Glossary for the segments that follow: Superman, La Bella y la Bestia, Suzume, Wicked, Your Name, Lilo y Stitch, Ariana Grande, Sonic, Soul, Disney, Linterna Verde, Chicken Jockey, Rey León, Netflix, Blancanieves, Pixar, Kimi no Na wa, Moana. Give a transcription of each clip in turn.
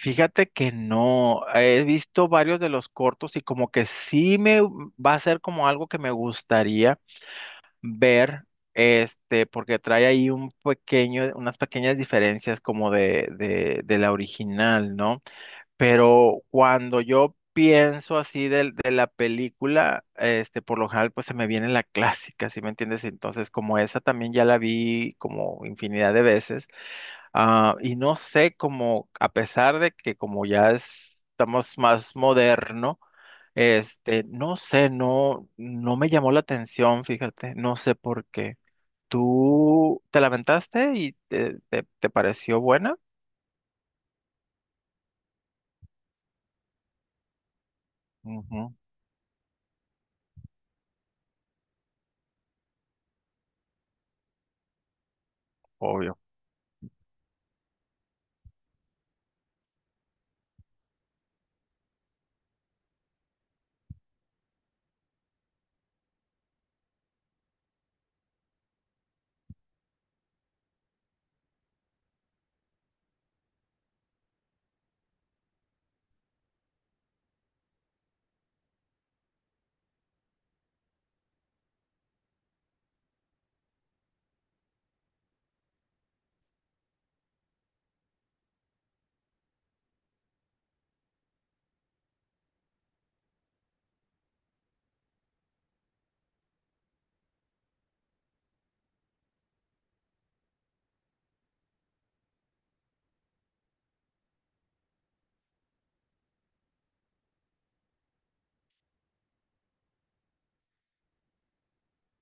Fíjate que no, he visto varios de los cortos y como que sí me va a ser como algo que me gustaría ver, porque trae ahí un pequeño, unas pequeñas diferencias como de la original, ¿no? Pero cuando yo pienso así de la película, por lo general, pues se me viene la clásica, ¿sí me entiendes? Entonces, como esa también ya la vi como infinidad de veces, y no sé, como a pesar de que como ya estamos más moderno, no sé, no me llamó la atención, fíjate, no sé por qué. ¿Tú te lamentaste y te pareció buena? Ujú, obvio.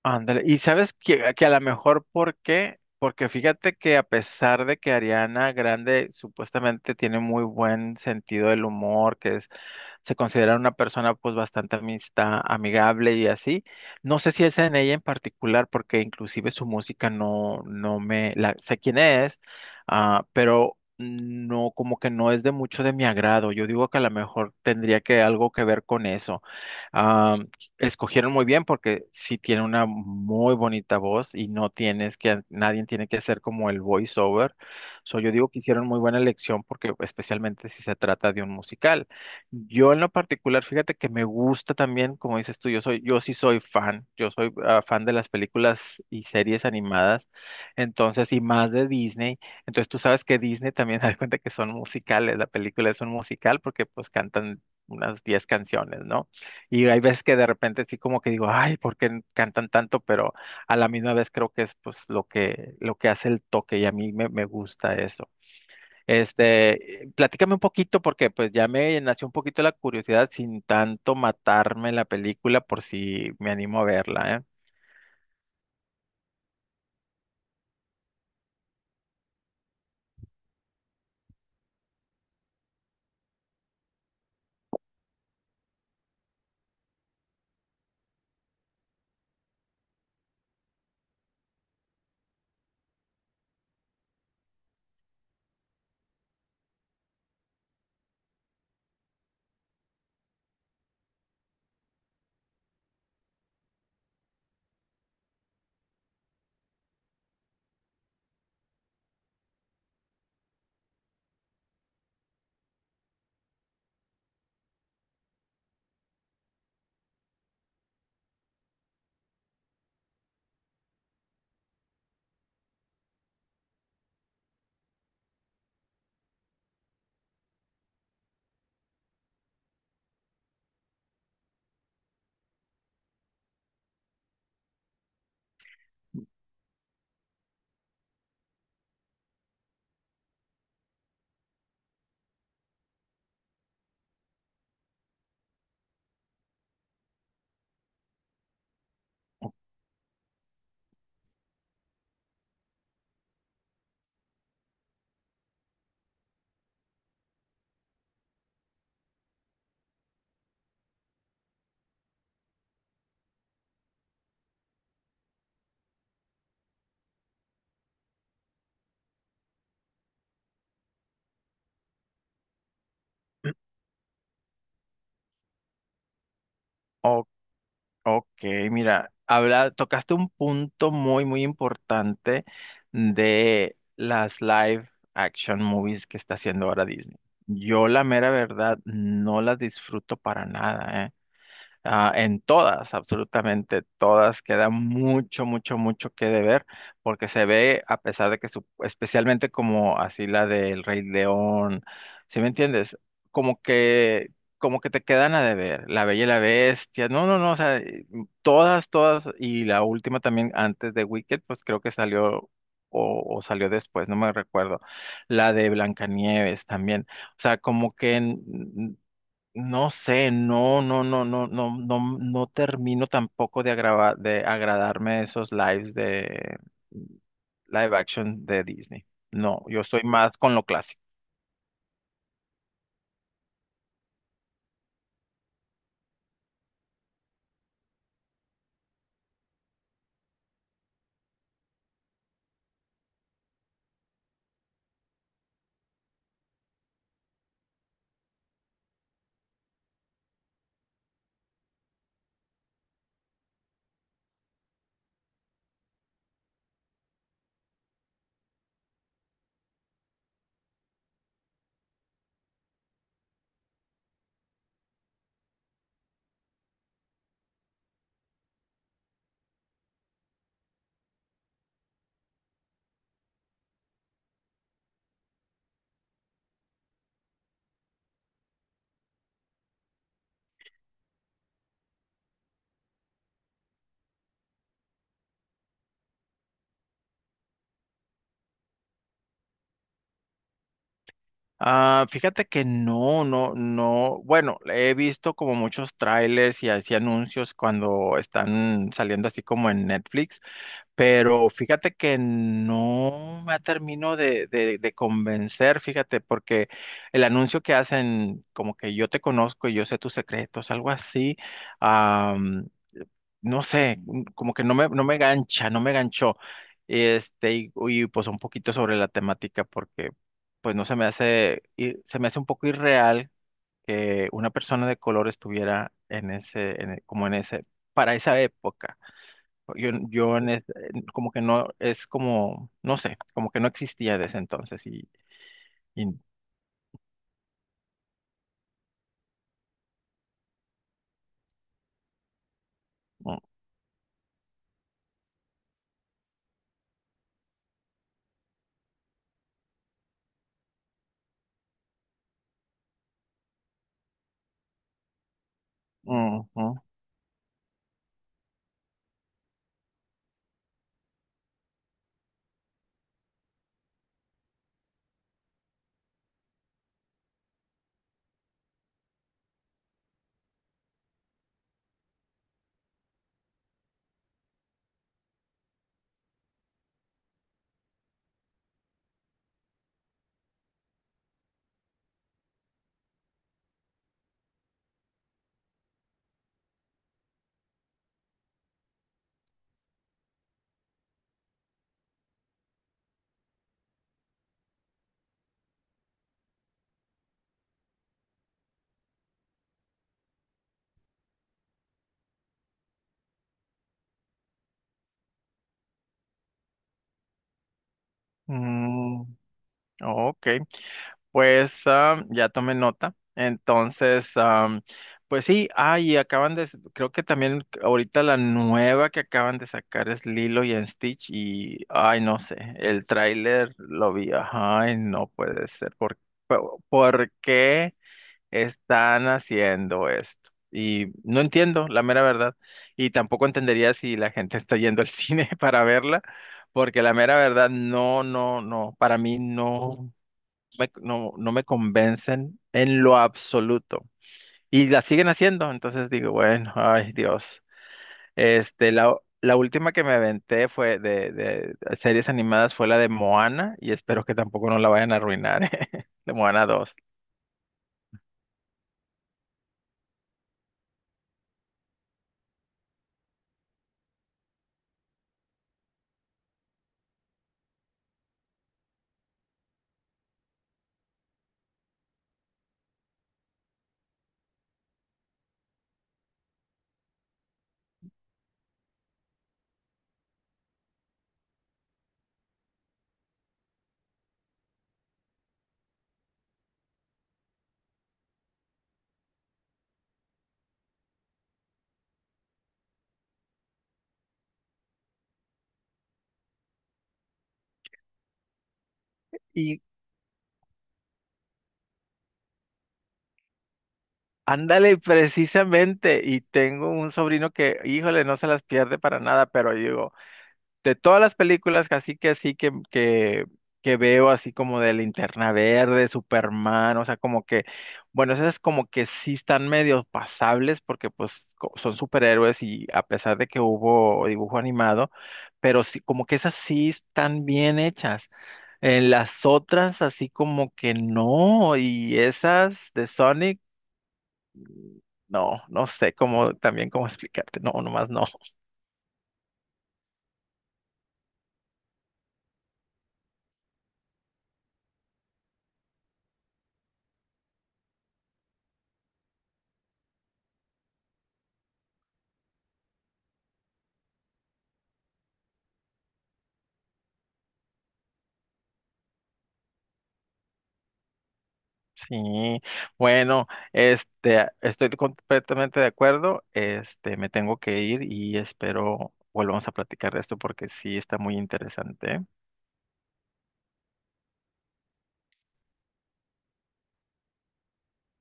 Ándale, y sabes que a lo mejor por qué, porque fíjate que a pesar de que Ariana Grande supuestamente tiene muy buen sentido del humor, que es se considera una persona pues bastante amigable y así. No sé si es en ella en particular, porque inclusive su música no, no me, la, sé quién es, pero no, como que no es de mucho de mi agrado. Yo digo que a lo mejor tendría que algo que ver con eso. Ah, escogieron muy bien porque sí tiene una muy bonita voz y no tienes nadie tiene que hacer como el voiceover. So, yo digo que hicieron muy buena elección porque especialmente si se trata de un musical. Yo en lo particular, fíjate que me gusta también, como dices tú, yo sí soy fan, yo soy fan de las películas y series animadas, entonces, y más de Disney, entonces tú sabes que Disney también da cuenta que son musicales, la película es un musical porque pues cantan unas 10 canciones, ¿no? Y hay veces que de repente sí como que digo, ay, ¿por qué cantan tanto? Pero a la misma vez creo que es pues lo que hace el toque y a mí me gusta eso. Platícame un poquito porque pues ya me nació un poquito la curiosidad sin tanto matarme la película por si me animo a verla, ¿eh? Ok, Ok, mira, habla, tocaste un punto muy importante de las live action movies que está haciendo ahora Disney. Yo la mera verdad no las disfruto para nada, ¿eh? Ah, en todas, absolutamente todas, queda mucho, mucho que deber, porque se ve, a pesar de que, especialmente como así la del Rey León, ¿sí me entiendes? Como que, como que te quedan a deber, La Bella y la Bestia, no, o sea, todas, y la última también antes de Wicked, pues creo que salió o salió después, no me recuerdo, la de Blancanieves también, o sea, como que no sé, no termino tampoco de agradarme esos lives de live action de Disney. No, yo soy más con lo clásico. Ah, fíjate que no. Bueno, he visto como muchos trailers y así anuncios cuando están saliendo así como en Netflix. Pero fíjate que no me termino de convencer, fíjate, porque el anuncio que hacen, como que yo te conozco y yo sé tus secretos, algo así, am, no sé, como que no me gancha, no me ganchó. Pues un poquito sobre la temática, porque pues no se me hace, se me hace un poco irreal que una persona de color estuviera en ese, como en ese, para esa época. Yo en es- en- como que no, es como, no sé, como que no existía desde entonces y- mm, ujú, mm, mm, ok, pues ah, ya tomé nota. Entonces, pues sí, ah, y acaban de, creo que también ahorita la nueva que acaban de sacar es Lilo y Stitch y, ay, no sé, el tráiler lo vi, ay, no puede ser, ¿ por qué están haciendo esto? Y no entiendo, la mera verdad. Y tampoco entendería si la gente está yendo al cine para verla, porque la mera verdad, no, para mí no me convencen en lo absoluto. Y la siguen haciendo, entonces digo, bueno, ay Dios. Este, la, la última que me aventé fue de series animadas fue la de Moana, y espero que tampoco no la vayan a arruinar, de Moana 2. Ándale, precisamente, y tengo un sobrino que, híjole, no se las pierde para nada, pero digo, de todas las películas, que veo, así como de Linterna Verde, Superman, o sea, como que, bueno, esas como que sí están medio pasables, porque pues son superhéroes y a pesar de que hubo dibujo animado, pero sí, como que esas sí están bien hechas. En las otras, así como que no, y esas de Sonic. No, no sé cómo también cómo explicarte. No, nomás no. Sí. Bueno, estoy completamente de acuerdo. Me tengo que ir y espero volvamos a platicar de esto porque sí está muy interesante, ¿eh?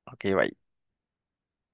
Ok, bye.